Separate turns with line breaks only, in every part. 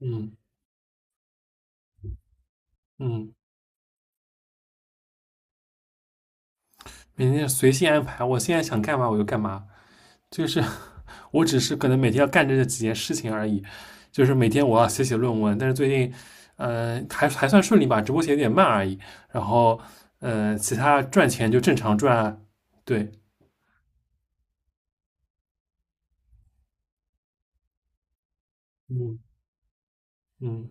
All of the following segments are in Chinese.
嗯嗯，每天随性安排，我现在想干嘛我就干嘛，就是 我只是可能每天要干这几件事情而已，就是每天我要写写论文，但是最近，嗯、呃还还算顺利吧，直播过写的有点慢而已。然后，其他赚钱就正常赚啊。对，嗯嗯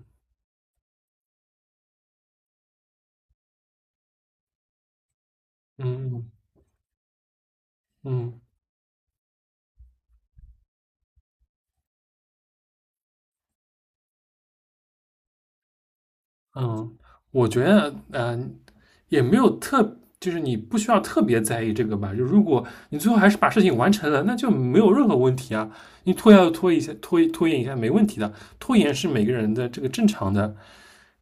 嗯嗯。嗯嗯，我觉得，也没有就是你不需要特别在意这个吧。就如果你最后还是把事情完成了，那就没有任何问题啊。你拖要拖一下，拖延一下没问题的。拖延是每个人的这个正常的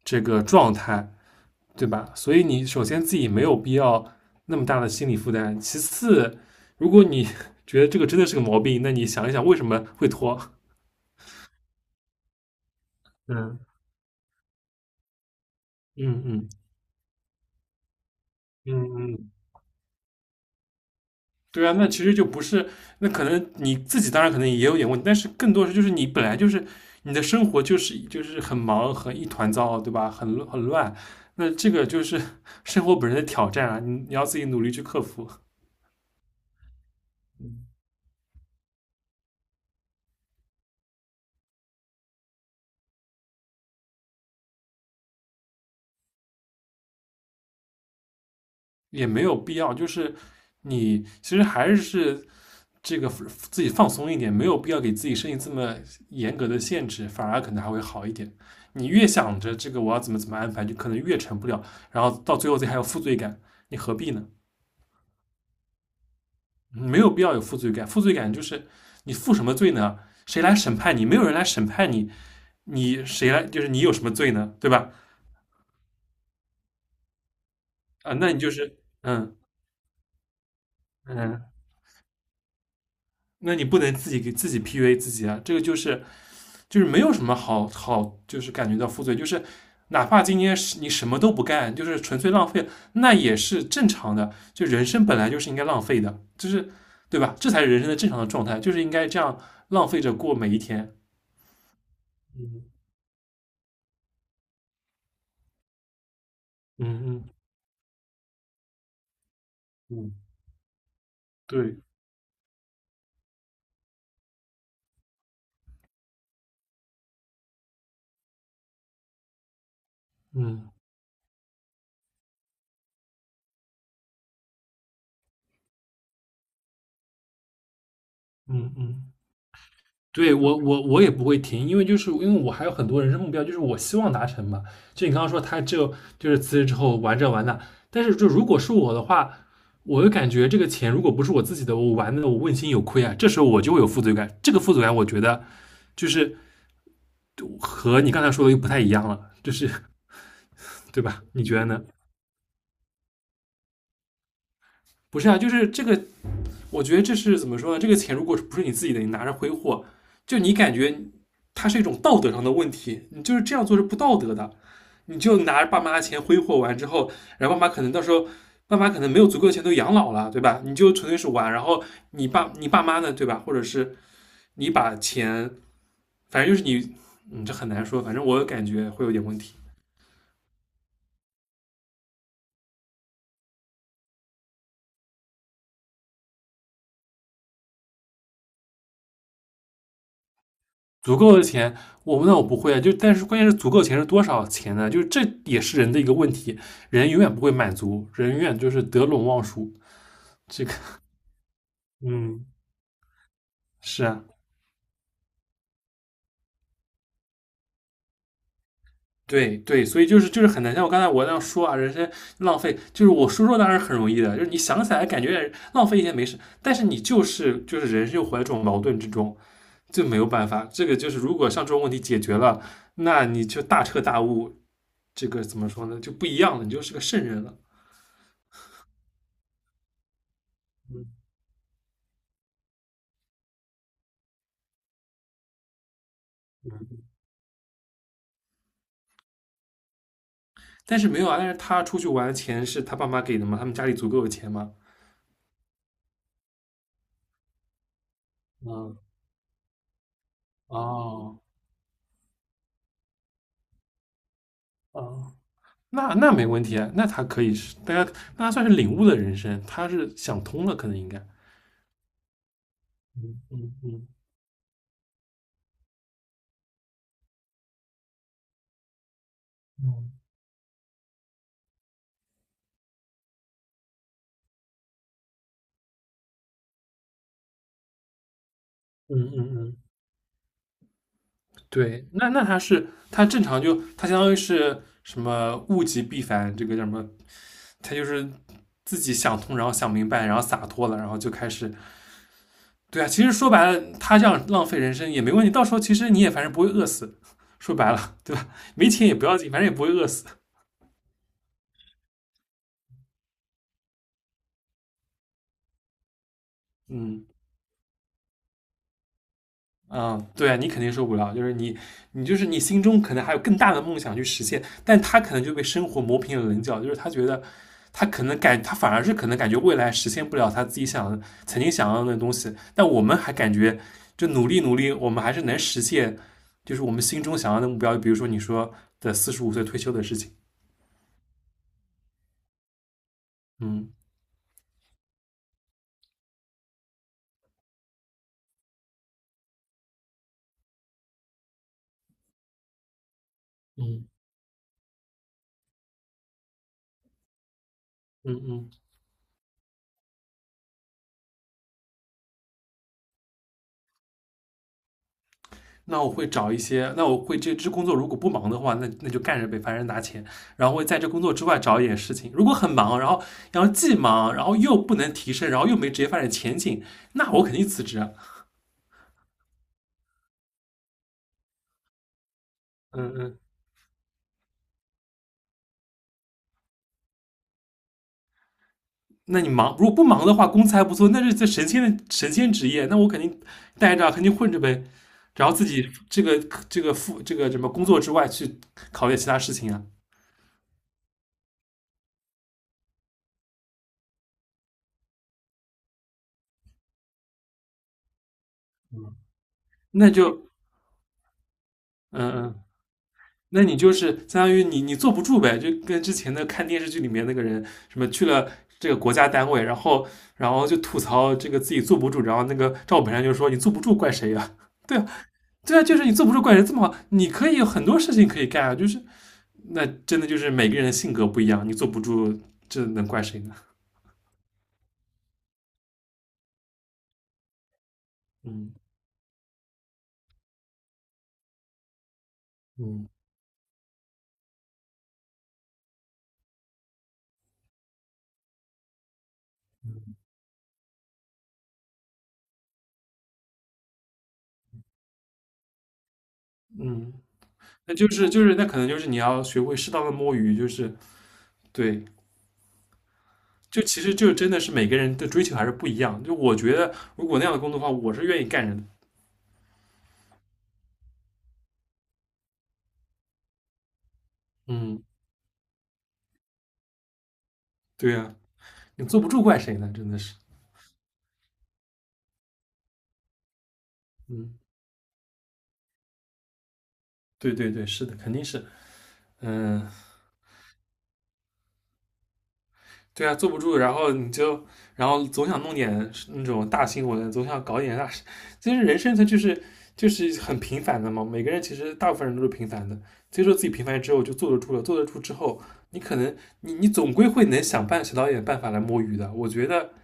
这个状态，对吧？所以你首先自己没有必要那么大的心理负担。其次，如果你 觉得这个真的是个毛病，那你想一想为什么会拖。嗯嗯嗯嗯，对啊，那其实就不是，那可能你自己当然可能也有点问题，但是更多是就是你本来就是你的生活就是很忙很一团糟，对吧？很乱，那这个就是 生活本身的挑战啊，你要自己努力去克服，也没有必要，就是你其实还是这个自己放松一点，没有必要给自己设定这么严格的限制，反而可能还会好一点。你越想着这个我要怎么怎么安排，就可能越成不了，然后到最后自己还有负罪感，你何必呢？没有必要有负罪感。负罪感就是你负什么罪呢？谁来审判你？没有人来审判你，你谁来？就是你有什么罪呢？对吧？啊，那你就是嗯，那你不能自己给自己 PUA 自己啊。这个就是没有什么好，就是感觉到负罪，就是哪怕今天是你什么都不干，就是纯粹浪费，那也是正常的。就人生本来就是应该浪费的，就是对吧？这才是人生的正常的状态，就是应该这样浪费着过每一天。嗯嗯嗯嗯。对，嗯嗯嗯，对我也不会停，因为就是因为我还有很多人生目标，就是我希望达成嘛。就你刚刚说他就就是辞职之后玩这玩那，但是就如果是我的话，我就感觉这个钱如果不是我自己的，我玩的我问心有愧啊，这时候我就会有负罪感。这个负罪感，我觉得就是和你刚才说的又不太一样了，就是 对吧？你觉得呢？不是啊，就是这个我觉得这是怎么说呢？这个钱如果不是你自己的，你拿着挥霍，就你感觉它是一种道德上的问题，你就是这样做是不道德的。你就拿着爸妈的钱挥霍完之后，然后爸妈可能到时候，爸妈可能没有足够的钱都养老了，对吧？你就纯粹是玩，然后你爸妈呢，对吧？或者是你把钱，反正就是你，嗯，这很难说，反正我感觉会有点问题。足够的钱，我那我不会啊。就但是关键是足够钱是多少钱呢？就是这也是人的一个问题，人永远不会满足，人永远就是得陇望蜀。这个，嗯，是啊，对对，所以就是就是很难。像我刚才我那样说啊，人生浪费，就是我说说当然是很容易的，就是你想起来感觉浪费一些没事，但是你就是就是人生又活在这种矛盾之中，就没有办法。这个就是如果像这种问题解决了，那你就大彻大悟，这个怎么说呢？就不一样了，你就是个圣人了。嗯。但是没有啊，但是他出去玩的钱是他爸妈给的嘛，他们家里足够有钱嘛。嗯，哦哦，那那没问题啊，那他可以是，大家那他算是领悟的人生，他是想通了，可能应该。嗯嗯嗯嗯嗯，对，那那他是他正常就他相当于是什么物极必反，这个叫什么？他就是自己想通，然后想明白，然后洒脱了，然后就开始对啊，其实说白了，他这样浪费人生也没问题，到时候其实你也反正不会饿死，说白了，对吧？没钱也不要紧，反正也不会饿死。嗯嗯，对啊，你肯定受不了，就是你，你就是你心中可能还有更大的梦想去实现，但他可能就被生活磨平了棱角，就是他觉得他可能感，他反而是可能感觉未来实现不了他自己想曾经想要的东西，但我们还感觉就努力努力，我们还是能实现，就是我们心中想要的目标，比如说你说的四十五岁退休的事情，嗯。嗯，嗯嗯，那我会找一些，那我会这工作如果不忙的话，那那就干着呗，反正拿钱。然后会在这工作之外找一点事情。如果很忙，然后然后既忙，然后又不能提升，然后又没职业发展前景，那我肯定辞职啊。嗯嗯，那你忙，如果不忙的话，工资还不错，那是这神仙的神仙职业，那我肯定待着啊肯定混着呗。然后自己这个这个副这个什么工作之外去考虑其他事情啊，那就嗯嗯。那你就是相当于你坐不住呗，就跟之前的看电视剧里面那个人什么去了这个国家单位，然后然后就吐槽这个自己坐不住，然后那个赵本山就说你坐不住怪谁呀、啊 对啊，对啊，就是你坐不住怪谁这么好，你可以有很多事情可以干啊，就是那真的就是每个人的性格不一样，你坐不住这能怪谁呢？嗯嗯嗯，那就是就是那可能就是你要学会适当的摸鱼，就是对，就其实就真的是每个人的追求还是不一样。就我觉得，如果那样的工作的话，我是愿意干人的。嗯，对呀、你坐不住怪谁呢？真的是，嗯，对对对，是的，肯定是，嗯，对啊，坐不住，然后你就，然后总想弄点那种大新闻，总想搞点大事。其实人生它就是很平凡的嘛，每个人其实大部分人都是平凡的。接受自己平凡之后，就坐得住了。坐得住之后，你可能你总归会能想办想到一点办法来摸鱼的。我觉得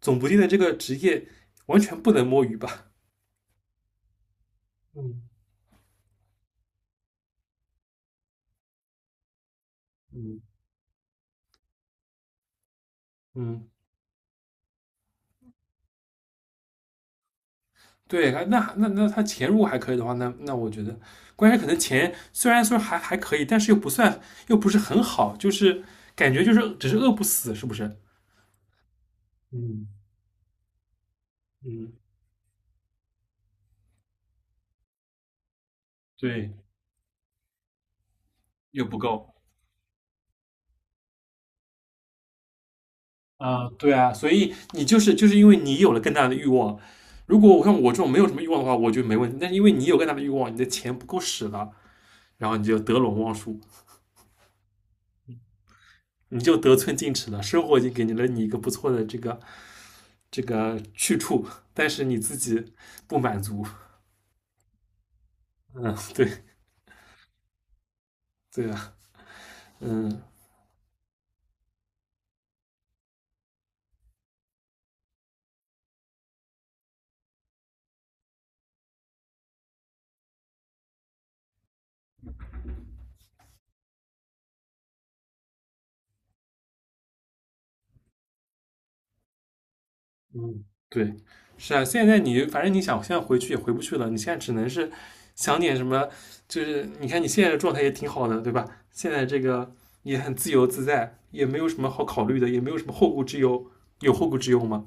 总不定的这个职业完全不能摸鱼吧？嗯嗯嗯，对，那那那他钱如果还可以的话，那那我觉得，关键可能钱虽然说还还可以，但是又不算又不是很好，就是感觉就是只是饿不死，是不是？嗯嗯，对又不够，啊、对啊，所以你就是就是因为你有了更大的欲望，如果我像我这种没有什么欲望的话，我觉得没问题，但是因为你有更大的欲望，你的钱不够使了，然后你就得陇望蜀。你就得寸进尺了。生活已经给你了你一个不错的这个这个去处，但是你自己不满足。嗯，对对啊，嗯嗯，对，是啊。现在你反正你想现在回去也回不去了，你现在只能是想点什么，就是你看你现在的状态也挺好的，对吧？现在这个也很自由自在，也没有什么好考虑的，也没有什么后顾之忧。有后顾之忧吗？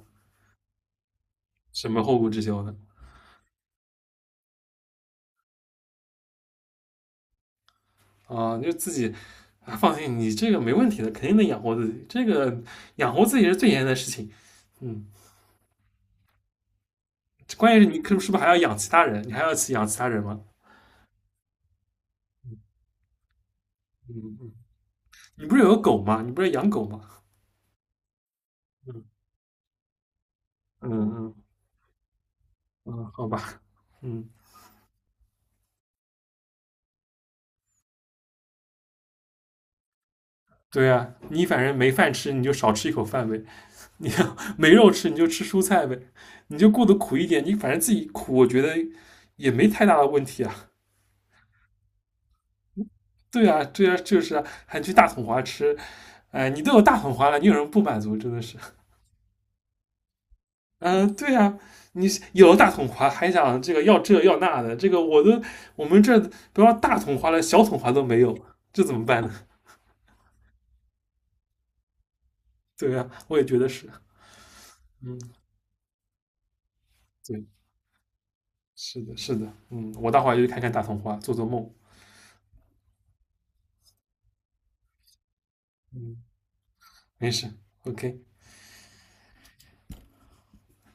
什么后顾之忧呢？啊，就自己啊，放心，你这个没问题的，肯定能养活自己。这个养活自己是最严的事情，嗯，关键是你可是不是还要养其他人？你还要去养其他人吗？嗯嗯，你不是有个狗吗？你不是养狗吗？嗯嗯嗯嗯，好吧，嗯，对呀、你反正没饭吃，你就少吃一口饭呗；你要没肉吃，你就吃蔬菜呗。你就过得苦一点，你反正自己苦，我觉得也没太大的问题啊。对啊，对啊，就是啊，还去大统华吃哎，你都有大桶花了，你有什么不满足？真的是，嗯，对呀、啊你有了大桶花还想这个要这要那的，这个我都我们这不要大桶花了，小桶花都没有，这怎么办呢？对呀、啊我也觉得是，嗯，对，是的，是的，嗯，我待会儿就去看看大桶花，做做梦，嗯，没事，OK。